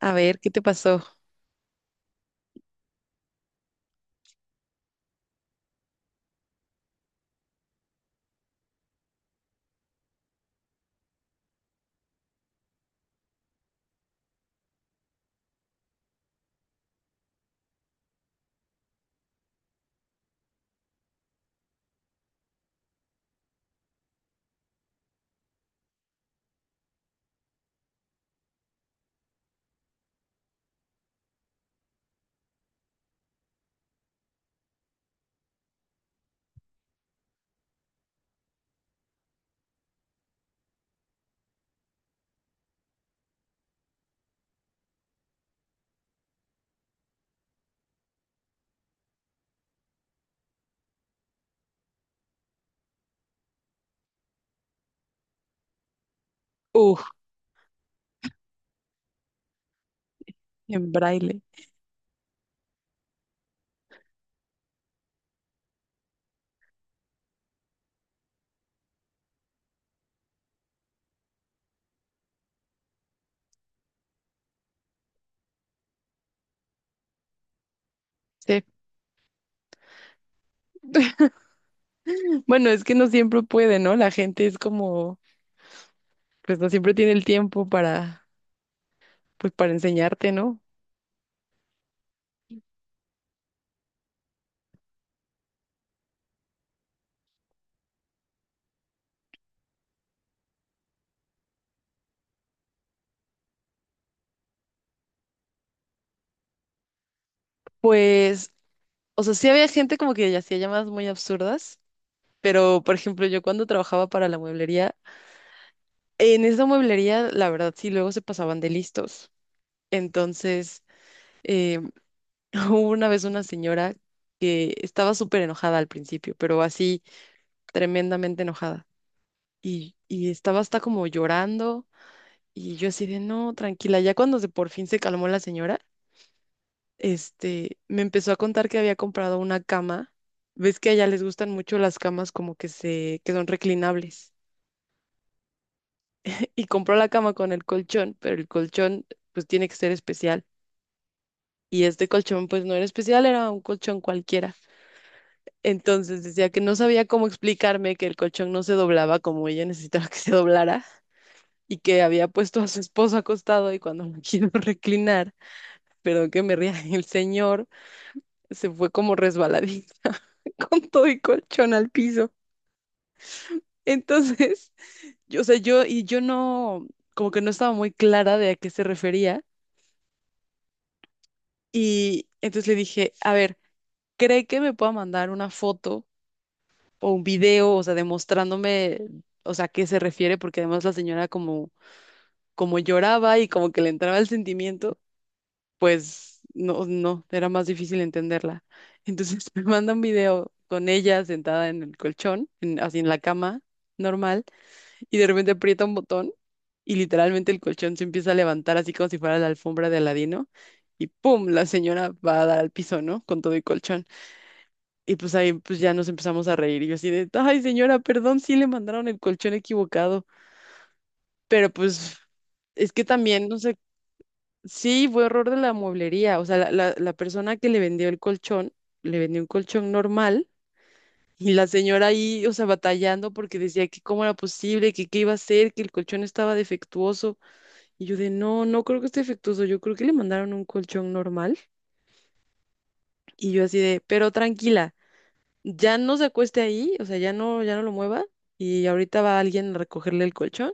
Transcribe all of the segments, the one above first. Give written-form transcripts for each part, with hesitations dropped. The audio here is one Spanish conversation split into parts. A ver, ¿qué te pasó? Uf, en braille. Sí. Bueno, es que no siempre puede, ¿no? La gente es como, pues no siempre tiene el tiempo para, pues para enseñarte, ¿no? Pues, o sea, sí había gente como que hacía llamadas muy absurdas, pero por ejemplo, yo cuando trabajaba para la mueblería, en esa mueblería, la verdad, sí, luego se pasaban de listos. Entonces, eh, hubo una vez una señora que estaba súper enojada al principio, pero así tremendamente enojada. Y estaba hasta como llorando y yo así de, no, tranquila. Ya cuando por fin se calmó la señora, me empezó a contar que había comprado una cama. Ves que allá les gustan mucho las camas como que que son reclinables. Y compró la cama con el colchón, pero el colchón pues tiene que ser especial. Y este colchón pues no era especial, era un colchón cualquiera. Entonces decía que no sabía cómo explicarme que el colchón no se doblaba como ella necesitaba que se doblara y que había puesto a su esposo acostado y cuando me quiero reclinar, perdón que me ría, el señor se fue como resbaladita con todo el colchón al piso. Entonces, yo, o sea, yo y yo no, como que no estaba muy clara de a qué se refería y entonces le dije, a ver, ¿cree que me pueda mandar una foto o un video? O sea, demostrándome, o sea, a qué se refiere, porque además la señora como lloraba y como que le entraba el sentimiento, pues no era más difícil entenderla. Entonces me manda un video con ella sentada en el colchón, así en la cama normal, y de repente aprieta un botón y literalmente el colchón se empieza a levantar así como si fuera la alfombra de Aladino. Y pum, la señora va a dar al piso, ¿no? Con todo el colchón. Y pues ahí pues ya nos empezamos a reír. Y yo así de, ay señora, perdón, sí le mandaron el colchón equivocado. Pero pues es que también, no sé, sí fue error de la mueblería. O sea, la persona que le vendió el colchón, le vendió un colchón normal. Y la señora ahí, o sea, batallando porque decía que cómo era posible, que qué iba a hacer, que el colchón estaba defectuoso. Y yo de, no, no creo que esté defectuoso, yo creo que le mandaron un colchón normal. Y yo así de, pero tranquila. Ya no se acueste ahí, o sea, ya no lo mueva y ahorita va alguien a recogerle el colchón.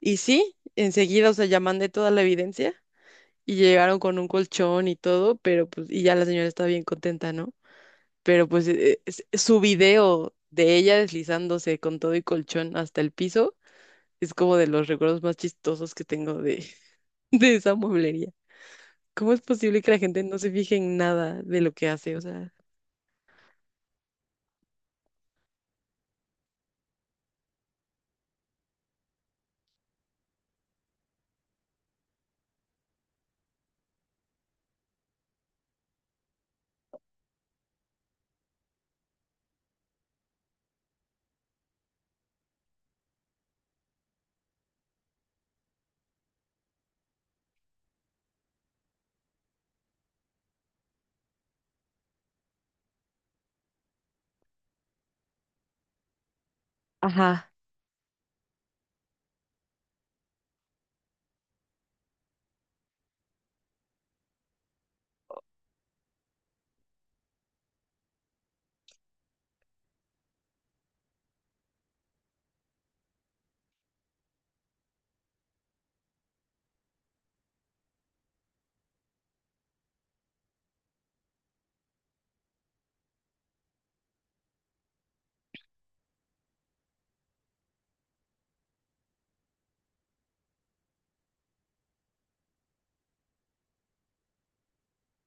Y sí, enseguida, o sea, ya mandé toda la evidencia y llegaron con un colchón y todo, pero pues, y ya la señora está bien contenta, ¿no? Pero pues su video de ella deslizándose con todo y colchón hasta el piso es como de los recuerdos más chistosos que tengo de, de esa mueblería. ¿Cómo es posible que la gente no se fije en nada de lo que hace? O sea, ajá,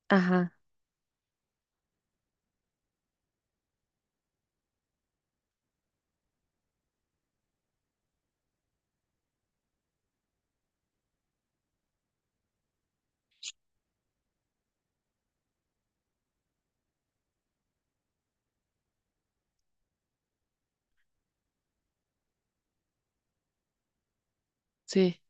ajá, sí.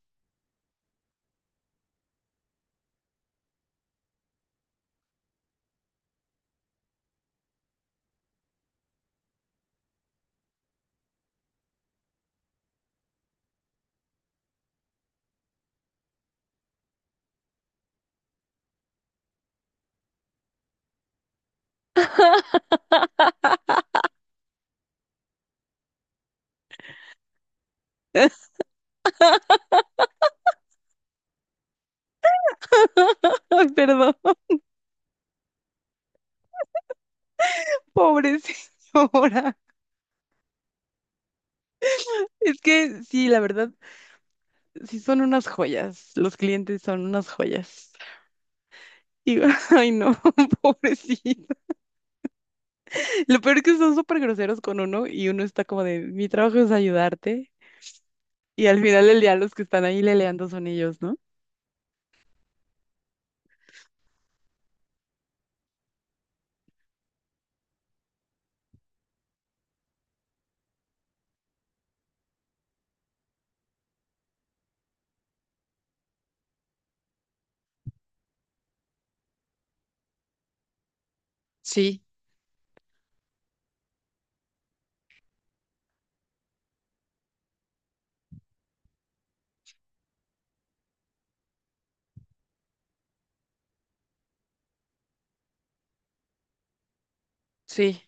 Ay, perdón. Pobre señora. Es que sí, la verdad, sí son unas joyas. Los clientes son unas joyas. Y, ay, no, pobrecito. Lo peor es que son súper groseros con uno y uno está como de, mi trabajo es ayudarte. Y al final del día los que están ahí leleando son ellos, ¿no? Sí, sí.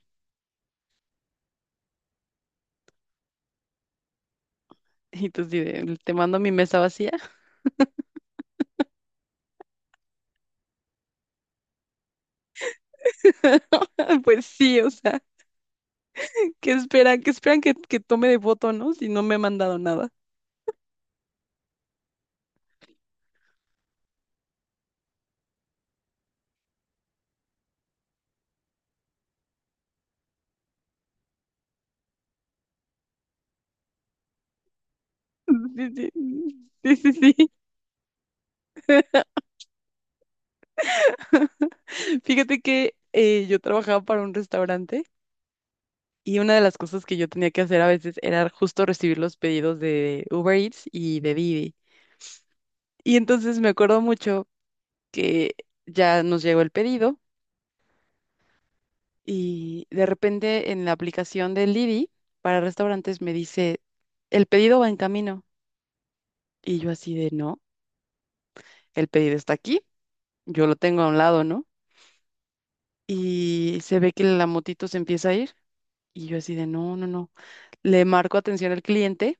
Y tú sí de, te mando mi mesa vacía. Pues sí, o sea, ¿qué esperan? ¿Qué esperan que tome de voto, no? Si no me ha mandado nada. Sí, sí, sí, sí, sí. Fíjate que yo trabajaba para un restaurante y una de las cosas que yo tenía que hacer a veces era justo recibir los pedidos de Uber Eats y de Didi. Y entonces me acuerdo mucho que ya nos llegó el pedido y de repente en la aplicación de Didi para restaurantes me dice, el pedido va en camino. Y yo así de, no, el pedido está aquí. Yo lo tengo a un lado, ¿no? Y se ve que la motito se empieza a ir y yo así de, no. Le marco atención al cliente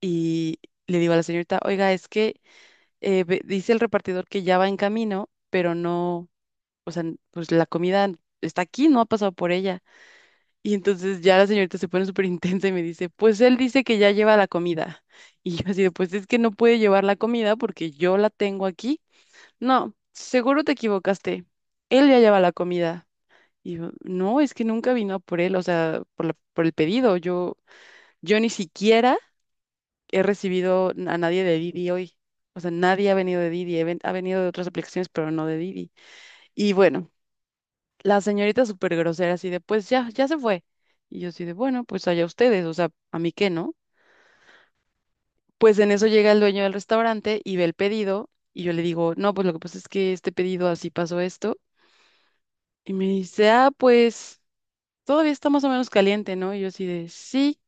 y le digo a la señorita, oiga, es que dice el repartidor que ya va en camino, pero no, o sea, pues la comida está aquí, no ha pasado por ella. Y entonces ya la señorita se pone súper intensa y me dice, pues él dice que ya lleva la comida. Y yo así de, pues es que no puede llevar la comida porque yo la tengo aquí. No, seguro te equivocaste. Él ya lleva la comida. Y yo, no, es que nunca vino a por él, o sea, por el pedido. Yo ni siquiera he recibido a nadie de Didi hoy. O sea, nadie ha venido de Didi, ha venido de otras aplicaciones, pero no de Didi. Y bueno, la señorita súper grosera, así de, pues ya se fue. Y yo así de, bueno, pues allá ustedes, o sea, a mí qué, ¿no? Pues en eso llega el dueño del restaurante y ve el pedido y yo le digo, no, pues lo que pasa es que este pedido así pasó esto. Y me dice, ah, pues todavía está más o menos caliente, ¿no? Y yo así de, sí.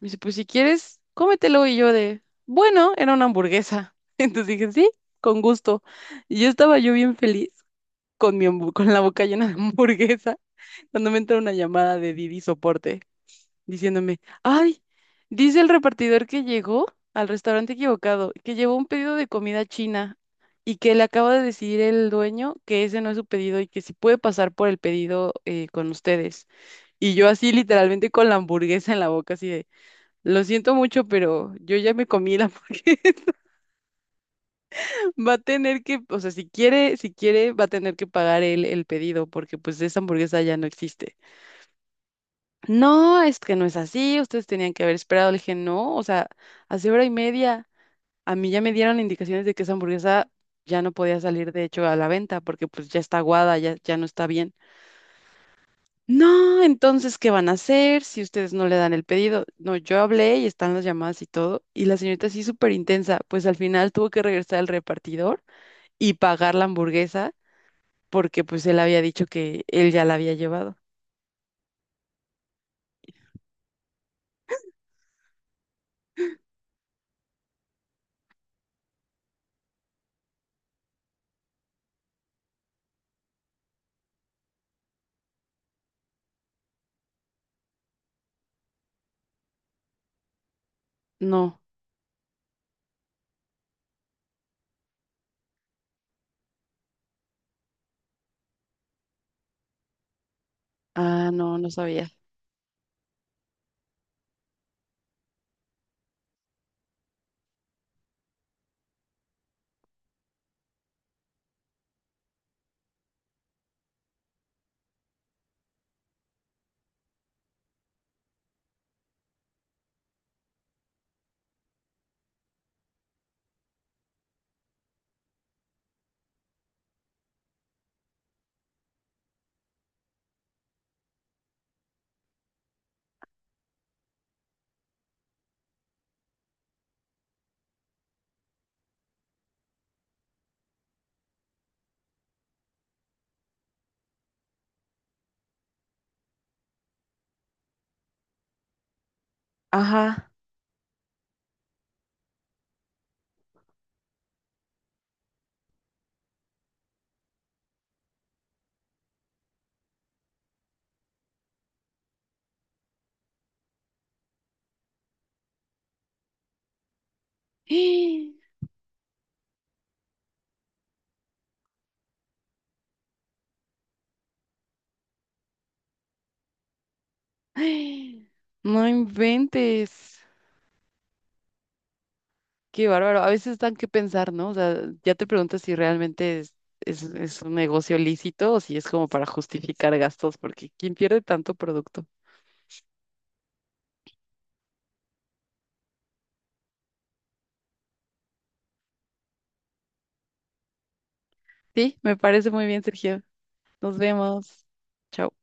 Me dice, pues si quieres, cómetelo. Y yo de, bueno, era una hamburguesa. Entonces dije, sí, con gusto. Y yo estaba yo bien feliz con con la boca llena de hamburguesa cuando me entra una llamada de Didi Soporte diciéndome, ay, dice el repartidor que llegó al restaurante equivocado, que llevó un pedido de comida china y que le acaba de decir el dueño que ese no es su pedido y que si puede pasar por el pedido con ustedes. Y yo así literalmente con la hamburguesa en la boca, así de... Lo siento mucho, pero yo ya me comí la hamburguesa. Va a tener que, o sea, si quiere, va a tener que pagar él el pedido, porque pues esa hamburguesa ya no existe. No, es que no es así, ustedes tenían que haber esperado. Le dije, no, o sea, hace hora y media a mí ya me dieron indicaciones de que esa hamburguesa ya no podía salir, de hecho, a la venta, porque pues ya está aguada, ya no está bien. No, entonces, ¿qué van a hacer si ustedes no le dan el pedido? No, yo hablé y están las llamadas y todo, y la señorita sí súper intensa, pues al final tuvo que regresar al repartidor y pagar la hamburguesa porque pues él había dicho que él ya la había llevado. No, ah, no, no sabía. Ajá. No inventes. Qué bárbaro. A veces dan que pensar, ¿no? O sea, ya te preguntas si realmente es un negocio lícito o si es como para justificar gastos, porque ¿quién pierde tanto producto? Sí, me parece muy bien, Sergio. Nos vemos. Chao.